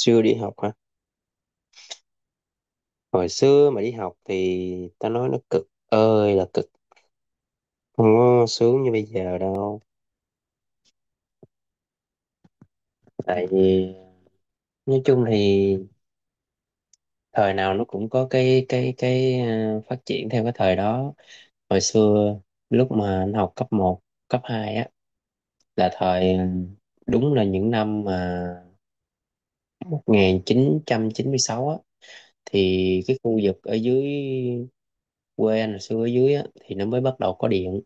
Xưa đi học hả? Hồi xưa mà đi học thì ta nói nó cực ơi là cực. Không có sướng như bây giờ đâu. Tại vì nói chung thì thời nào nó cũng có cái phát triển theo cái thời đó. Hồi xưa lúc mà anh học cấp một, cấp 2 á là thời đúng là những năm mà 1996 á, thì cái khu vực ở dưới quê anh hồi xưa ở dưới á thì nó mới bắt đầu có điện.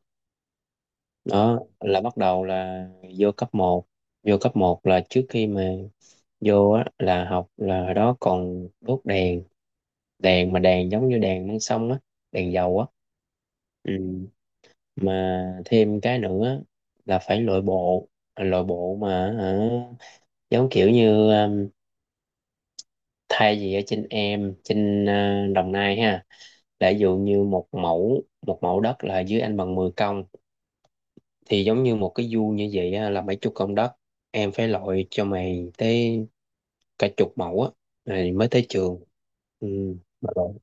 Đó là bắt đầu là vô cấp một, vô cấp một là trước khi mà vô á, là học là hồi đó còn đốt đèn, đèn mà đèn giống như đèn măng sông á, đèn dầu á. Ừ. Mà thêm cái nữa là phải lội bộ. À, lội bộ mà hả, giống kiểu như thay vì ở trên em trên Đồng Nai ha là ví dụ như một mẫu đất là dưới anh bằng 10 công, thì giống như một cái vuông như vậy á, là mấy chục công đất, em phải lội cho mày tới cả chục mẫu á rồi mới tới trường. Ừ, mà lội.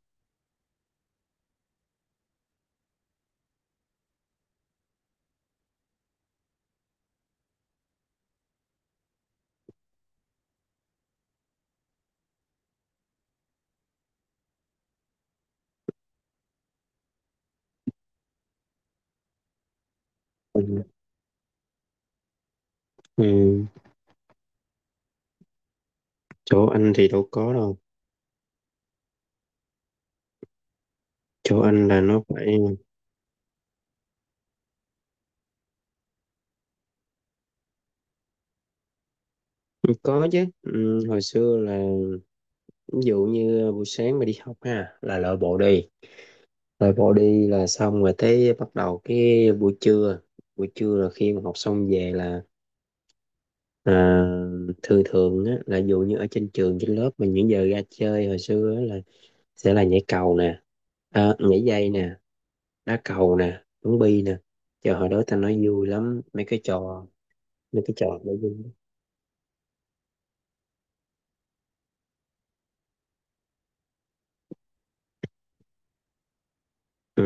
Ừ, chỗ anh thì đâu có đâu. Chỗ anh là nó phải. Ừ, có chứ. Ừ, hồi xưa là ví dụ như buổi sáng mà đi học ha là lội bộ đi. Lội bộ đi là xong rồi tới bắt đầu cái buổi trưa. Buổi trưa là khi mà học xong về là. Ờ, thường thường á, là dù như ở trên trường trên lớp mà những giờ ra chơi hồi xưa á, là sẽ là nhảy cầu nè, nhảy dây nè, đá cầu nè, bắn bi nè, trời hồi đó ta nói vui lắm Mấy cái trò đó vui lắm. Ừ,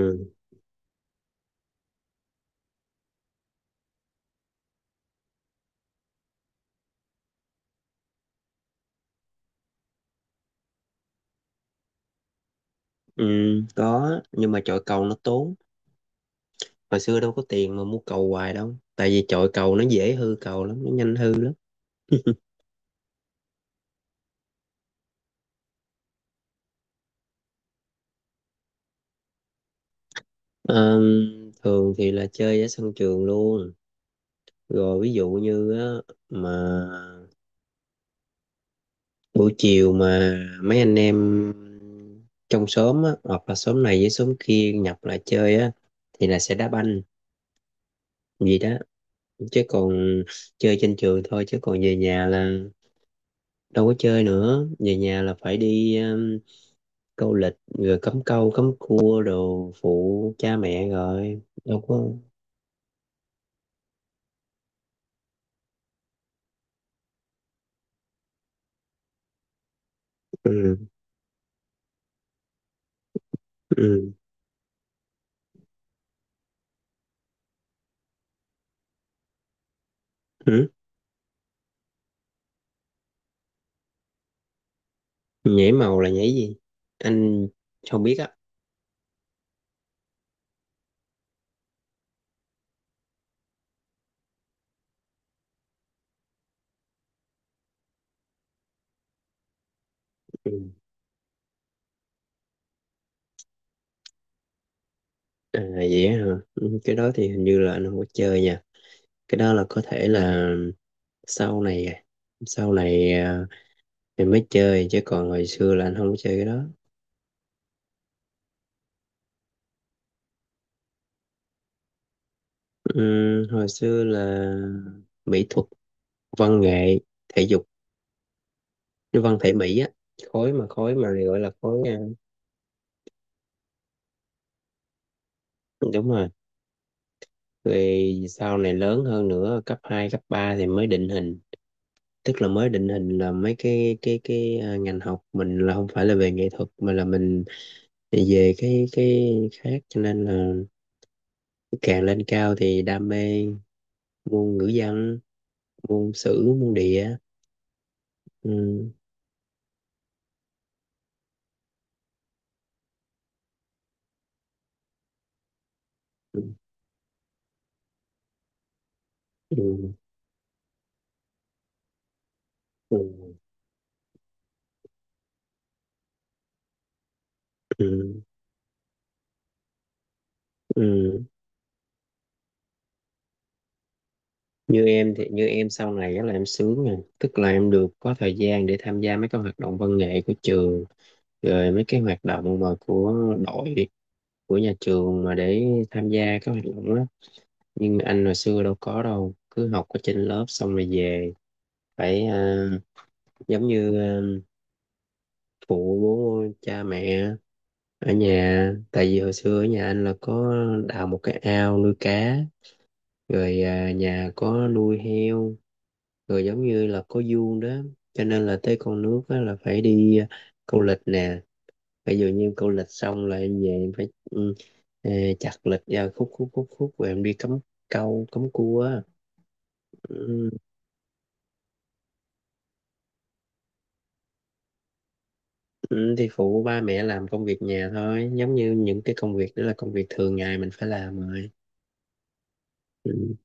ừ, có nhưng mà chọi cầu nó tốn, hồi xưa đâu có tiền mà mua cầu hoài đâu, tại vì chọi cầu nó dễ hư cầu lắm, nó nhanh hư lắm. Ờ, thường thì là chơi ở sân trường luôn, rồi ví dụ như á, mà buổi chiều mà mấy anh em trong xóm á, hoặc là xóm này với xóm kia nhập lại chơi á thì là sẽ đá banh gì đó, chứ còn chơi trên trường thôi, chứ còn về nhà là đâu có chơi nữa, về nhà là phải đi câu lịch rồi cắm câu cắm cua đồ phụ cha mẹ rồi đâu có. Ừ, ừ, ừ, nhảy màu là nhảy gì, anh không biết á. Ừ. À vậy á hả. Ừ, cái đó thì hình như là anh không có chơi nha, cái đó là có thể là sau này sau này mình mới chơi, chứ còn hồi xưa là anh không có chơi cái đó. Hồi xưa là mỹ thuật, văn nghệ, thể dục, cái văn thể mỹ á, khối mà gọi là khối đúng rồi. Rồi sau này lớn hơn nữa cấp 2 cấp 3 thì mới định hình, tức là mới định hình là mấy cái ngành học mình là không phải là về nghệ thuật, mà là mình về cái khác, cho nên là càng lên cao thì đam mê môn ngữ văn, môn sử, môn địa. Ừ. Ừ. Ừ. Ừ. Ừ. Ừ. Như em sau này á là em sướng nè, tức là em được có thời gian để tham gia mấy cái hoạt động văn nghệ của trường, rồi mấy cái hoạt động mà của đội, của nhà trường mà để tham gia các hoạt động đó. Nhưng mà anh hồi xưa đâu có đâu, cứ học ở trên lớp xong rồi về, phải giống như phụ cha mẹ ở nhà, tại vì hồi xưa ở nhà anh là có đào một cái ao nuôi cá, rồi nhà có nuôi heo, rồi giống như là có vuông đó, cho nên là tới con nước á, là phải đi câu lịch nè, ví dụ như câu lịch xong là em về em phải ờ, chặt lịch ra khúc khúc khúc khúc rồi em đi cắm câu cắm cua á. Ừ, ừ, thì phụ ba mẹ làm công việc nhà thôi, giống như những cái công việc đó là công việc thường ngày mình phải làm rồi. Ừ.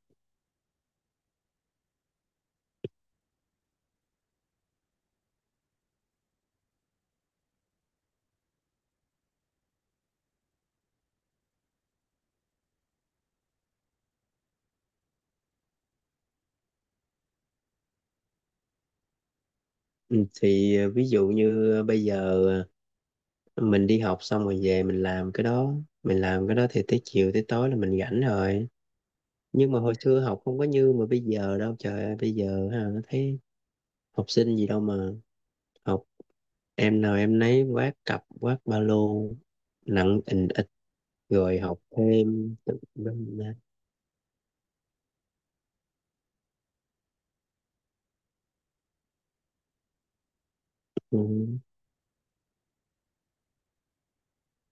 Ừ, thì ví dụ như bây giờ mình đi học xong rồi về mình làm cái đó, mình làm cái đó thì tới chiều tới tối là mình rảnh rồi. Nhưng mà hồi xưa học không có như mà bây giờ đâu, trời ơi bây giờ ha thấy học sinh gì đâu mà học, em nào em nấy vác cặp vác ba lô nặng ình ịch, rồi học thêm tự dưng á. Ừ.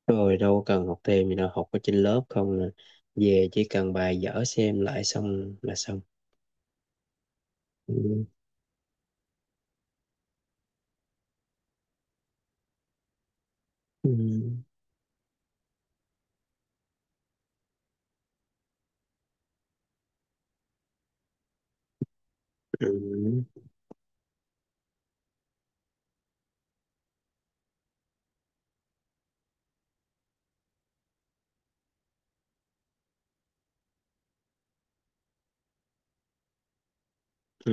Rồi đâu cần học thêm gì đâu, học ở trên lớp không là về chỉ cần bài vở xem lại xong là xong. Ừ. Ừ. Ừ. Ừ.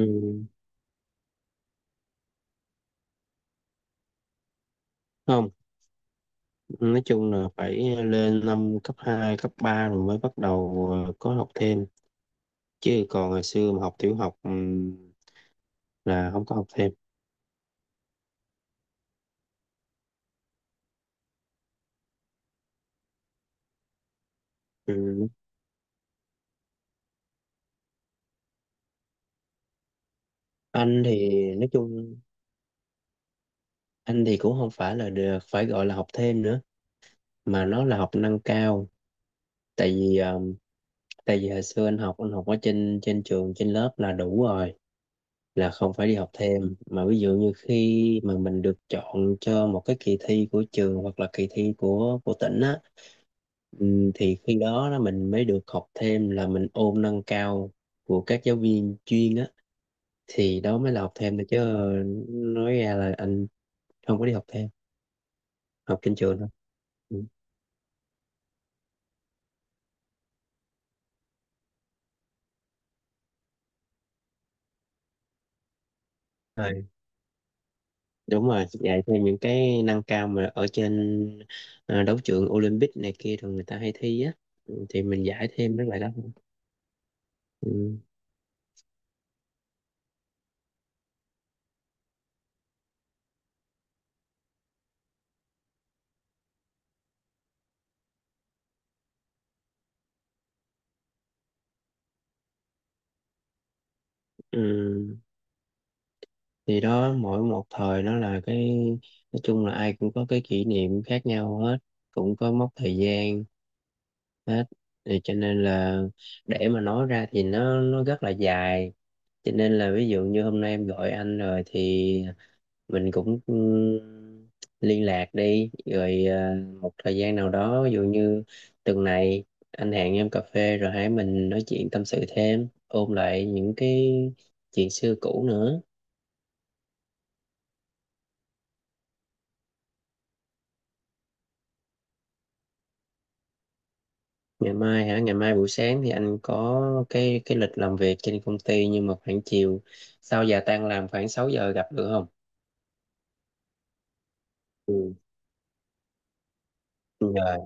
Không. Nói chung là phải lên năm cấp 2 cấp 3 rồi mới bắt đầu có học thêm. Chứ còn ngày xưa mà học tiểu học là không có học thêm. Ừ. Anh thì nói chung, anh thì cũng không phải là được phải gọi là học thêm nữa, mà nó là học nâng cao. Tại vì ờ, tại vì hồi xưa anh học ở trên trên trường trên lớp là đủ rồi, là không phải đi học thêm, mà ví dụ như khi mà mình được chọn cho một cái kỳ thi của trường hoặc là kỳ thi của tỉnh á. Thì khi đó là mình mới được học thêm, là mình ôn nâng cao của các giáo viên chuyên á, thì đó mới là học thêm được, chứ nói ra là anh không có đi học thêm, học trên trường thôi. Ừ. Rồi, đúng rồi, dạy thêm những cái nâng cao mà ở trên đấu trường Olympic này kia thường người ta hay thi á. Ừ, thì mình giải thêm mấy bài đó. Ừ. Ừ. Thì đó mỗi một thời nó là cái, nói chung là ai cũng có cái kỷ niệm khác nhau hết, cũng có mốc thời gian hết, thì cho nên là để mà nói ra thì nó rất là dài, cho nên là ví dụ như hôm nay em gọi anh rồi, thì mình cũng liên lạc đi rồi một thời gian nào đó, ví dụ như tuần này anh hẹn em cà phê rồi hãy mình nói chuyện tâm sự thêm, ôn lại những cái chuyện xưa cũ nữa. Ngày mai hả, ngày mai buổi sáng thì anh có cái lịch làm việc trên công ty, nhưng mà khoảng chiều, sau giờ tan làm khoảng 6 giờ gặp được không? Ừ. Ừ, rồi.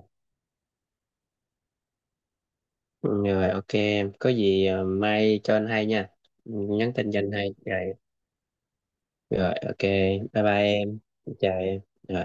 Ừ, rồi ok, em có gì mai cho anh hay nha. Ừ, nhắn tin cho anh hay rồi, rồi ok, bye bye, em chào em, rồi